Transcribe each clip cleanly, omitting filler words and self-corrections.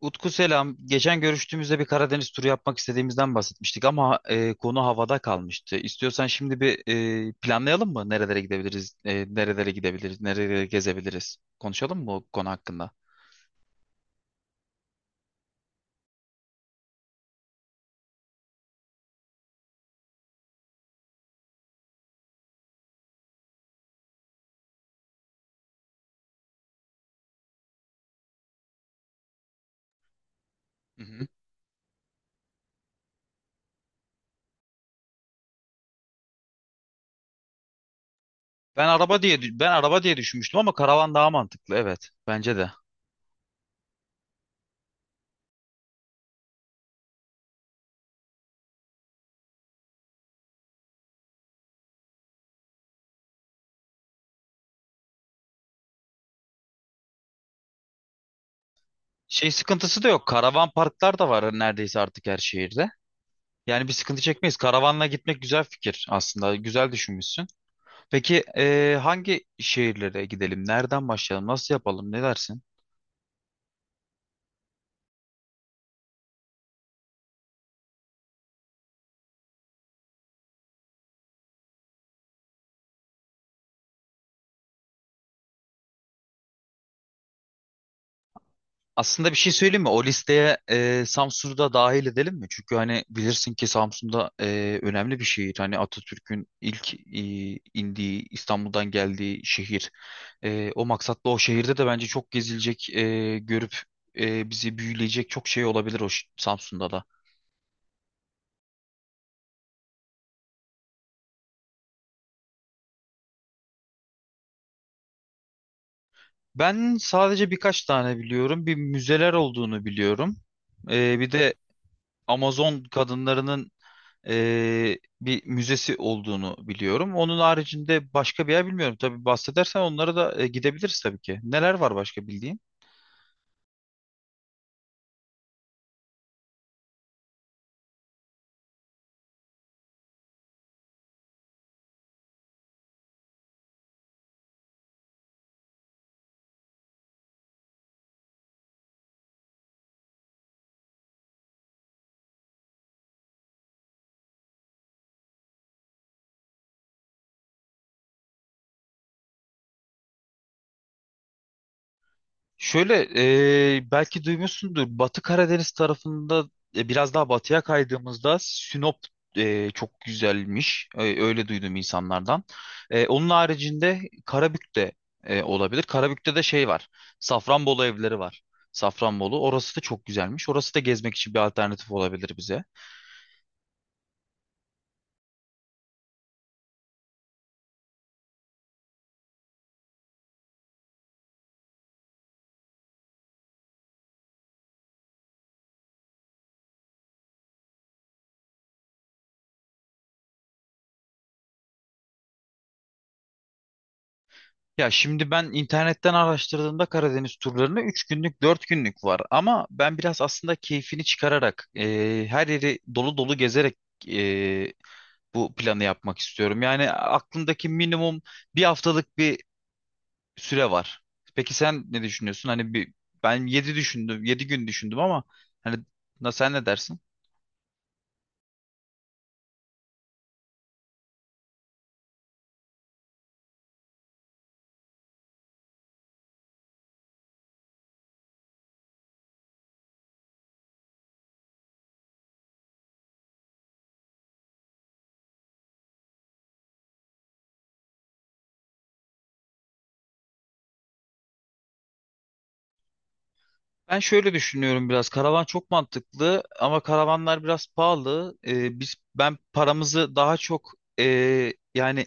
Utku selam. Geçen görüştüğümüzde bir Karadeniz turu yapmak istediğimizden bahsetmiştik ama konu havada kalmıştı. İstiyorsan şimdi bir planlayalım mı? Nerelere gidebiliriz? Nerelere gidebiliriz? Nerelere gezebiliriz? Konuşalım mı bu konu hakkında? Hı hı. Ben araba diye düşünmüştüm ama karavan daha mantıklı. Evet, bence de. Şey sıkıntısı da yok. Karavan parklar da var neredeyse artık her şehirde. Yani bir sıkıntı çekmeyiz. Karavanla gitmek güzel fikir aslında. Güzel düşünmüşsün. Peki hangi şehirlere gidelim? Nereden başlayalım? Nasıl yapalım? Ne dersin? Aslında bir şey söyleyeyim mi? O listeye Samsun'u da dahil edelim mi? Çünkü hani bilirsin ki Samsun'da önemli bir şehir. Hani Atatürk'ün ilk indiği, İstanbul'dan geldiği şehir. O maksatla o şehirde de bence çok gezilecek, görüp bizi büyüleyecek çok şey olabilir Samsun'da da. Ben sadece birkaç tane biliyorum. Bir müzeler olduğunu biliyorum. Bir de Amazon kadınlarının bir müzesi olduğunu biliyorum. Onun haricinde başka bir yer bilmiyorum. Tabii bahsedersen onlara da gidebiliriz tabii ki. Neler var başka bildiğin? Şöyle belki duymuşsundur. Batı Karadeniz tarafında biraz daha batıya kaydığımızda Sinop çok güzelmiş. Öyle duydum insanlardan. Onun haricinde Karabük de olabilir. Karabük'te de şey var. Safranbolu evleri var. Safranbolu. Orası da çok güzelmiş. Orası da gezmek için bir alternatif olabilir bize. Ya şimdi ben internetten araştırdığımda Karadeniz turlarını 3 günlük 4 günlük var. Ama ben biraz aslında keyfini çıkararak her yeri dolu dolu gezerek e, bu planı yapmak istiyorum. Yani aklımdaki minimum bir haftalık bir süre var. Peki sen ne düşünüyorsun? Hani ben 7 düşündüm, 7 gün düşündüm ama hani sen ne dersin? Ben şöyle düşünüyorum biraz. Karavan çok mantıklı ama karavanlar biraz pahalı. Biz ben paramızı daha çok e, yani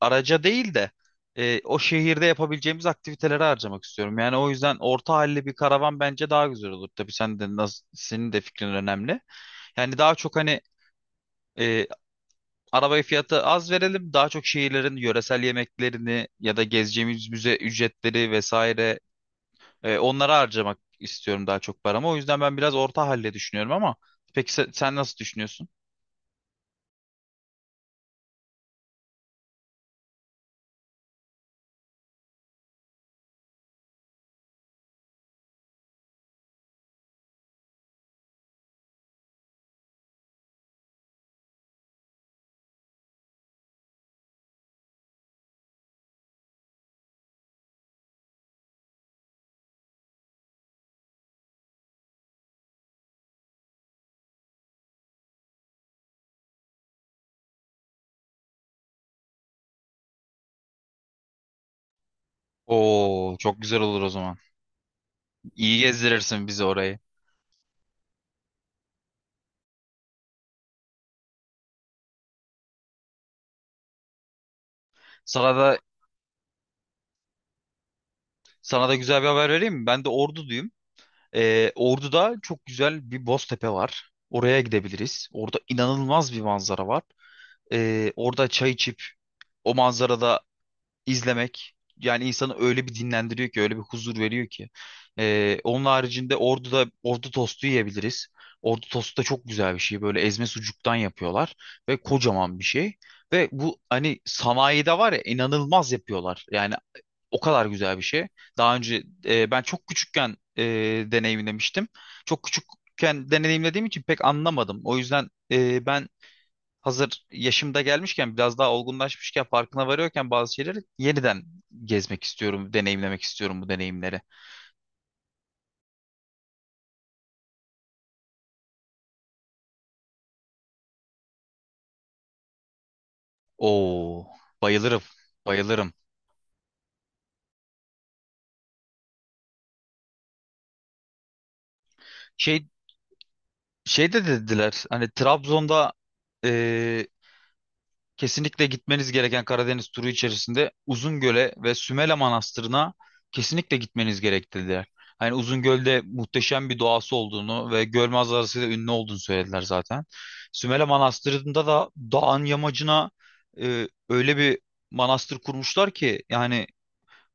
araca değil de o şehirde yapabileceğimiz aktivitelere harcamak istiyorum. Yani o yüzden orta halli bir karavan bence daha güzel olur. Tabii sen de nasıl, senin de fikrin önemli. Yani daha çok hani e, arabayı fiyatı az verelim. Daha çok şehirlerin yöresel yemeklerini ya da gezeceğimiz müze ücretleri vesaire onlara harcamak istiyorum daha çok paramı. O yüzden ben biraz orta halde düşünüyorum ama peki sen, nasıl düşünüyorsun? Oo, çok güzel olur o zaman. İyi gezdirirsin bizi orayı. Sana da sana da güzel bir haber vereyim mi? Ben de Ordu'duyum. Ordu'da çok güzel bir Boztepe var. Oraya gidebiliriz. Orada inanılmaz bir manzara var. Orada çay içip o manzarada izlemek yani insanı öyle bir dinlendiriyor ki öyle bir huzur veriyor ki. Onun haricinde Ordu'da ordu tostu yiyebiliriz. Ordu tostu da çok güzel bir şey. Böyle ezme sucuktan yapıyorlar ve kocaman bir şey. Ve bu hani sanayide var ya inanılmaz yapıyorlar. Yani o kadar güzel bir şey. Daha önce ben çok küçükken deneyimlemiştim. Çok küçükken deneyimlediğim için pek anlamadım. O yüzden ben hazır yaşımda gelmişken biraz daha olgunlaşmışken farkına varıyorken bazı şeyleri yeniden gezmek istiyorum, deneyimlemek istiyorum bu deneyimleri. Oo, bayılırım, bayılırım. Şey, şey de dediler hani Trabzon'da kesinlikle gitmeniz gereken Karadeniz turu içerisinde Uzungöl'e ve Sümele Manastırı'na kesinlikle gitmeniz gerek dediler. Hani Uzungöl'de muhteşem bir doğası olduğunu ve göl manzarasıyla ünlü olduğunu söylediler zaten. Sümele Manastırı'nda da dağın yamacına öyle bir manastır kurmuşlar ki yani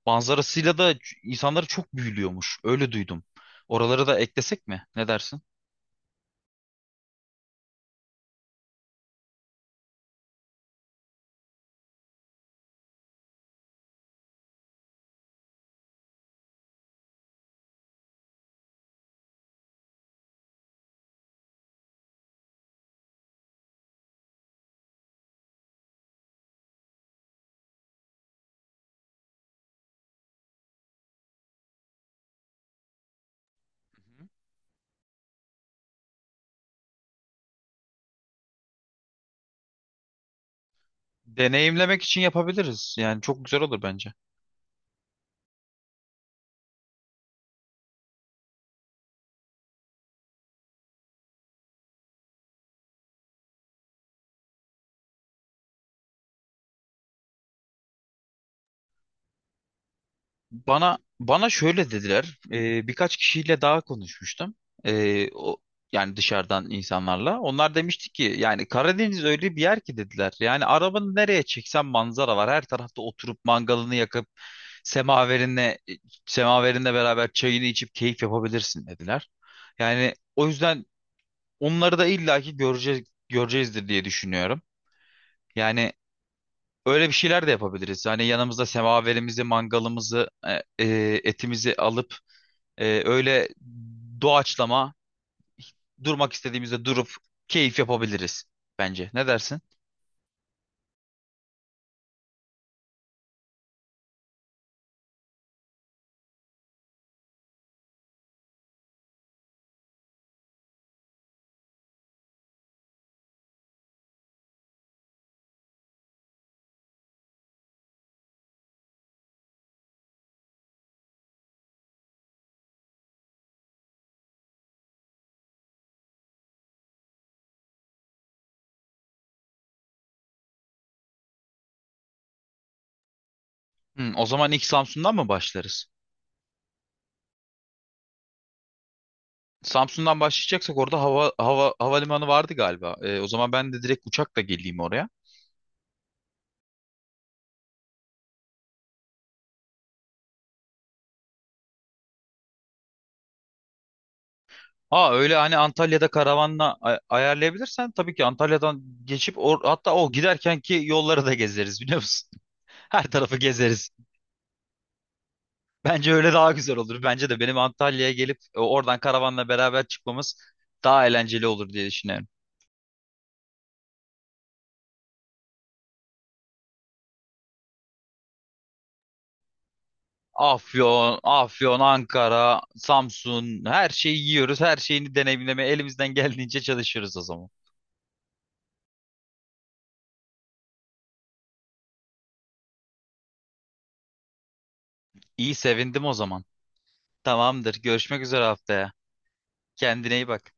manzarasıyla da insanları çok büyülüyormuş. Öyle duydum. Oraları da eklesek mi? Ne dersin? Hı hı. Deneyimlemek için yapabiliriz. Yani çok güzel olur bence. Bana şöyle dediler. Birkaç kişiyle daha konuşmuştum. O yani dışarıdan insanlarla. Onlar demişti ki yani Karadeniz öyle bir yer ki dediler. Yani arabanı nereye çeksen manzara var. Her tarafta oturup mangalını yakıp semaverinle semaverinle beraber çayını içip keyif yapabilirsin dediler. Yani o yüzden onları da illaki göreceğiz göreceğizdir diye düşünüyorum. Yani öyle bir şeyler de yapabiliriz. Hani yanımızda semaverimizi, mangalımızı, etimizi alıp öyle doğaçlama durmak istediğimizde durup keyif yapabiliriz bence. Ne dersin? O zaman ilk Samsun'dan mı başlarız? Samsun'dan başlayacaksak orada havalimanı vardı galiba. O zaman ben de direkt uçakla geleyim oraya. Aa öyle hani Antalya'da karavanla ayarlayabilirsen tabii ki Antalya'dan geçip hatta o giderken ki yolları da gezeriz biliyor musun? Her tarafı gezeriz. Bence öyle daha güzel olur. Bence de benim Antalya'ya gelip oradan karavanla beraber çıkmamız daha eğlenceli olur diye düşünüyorum. Afyon, Ankara, Samsun her şeyi yiyoruz. Her şeyini deneyimlemeye elimizden geldiğince çalışıyoruz o zaman. İyi sevindim o zaman. Tamamdır. Görüşmek üzere haftaya. Kendine iyi bak.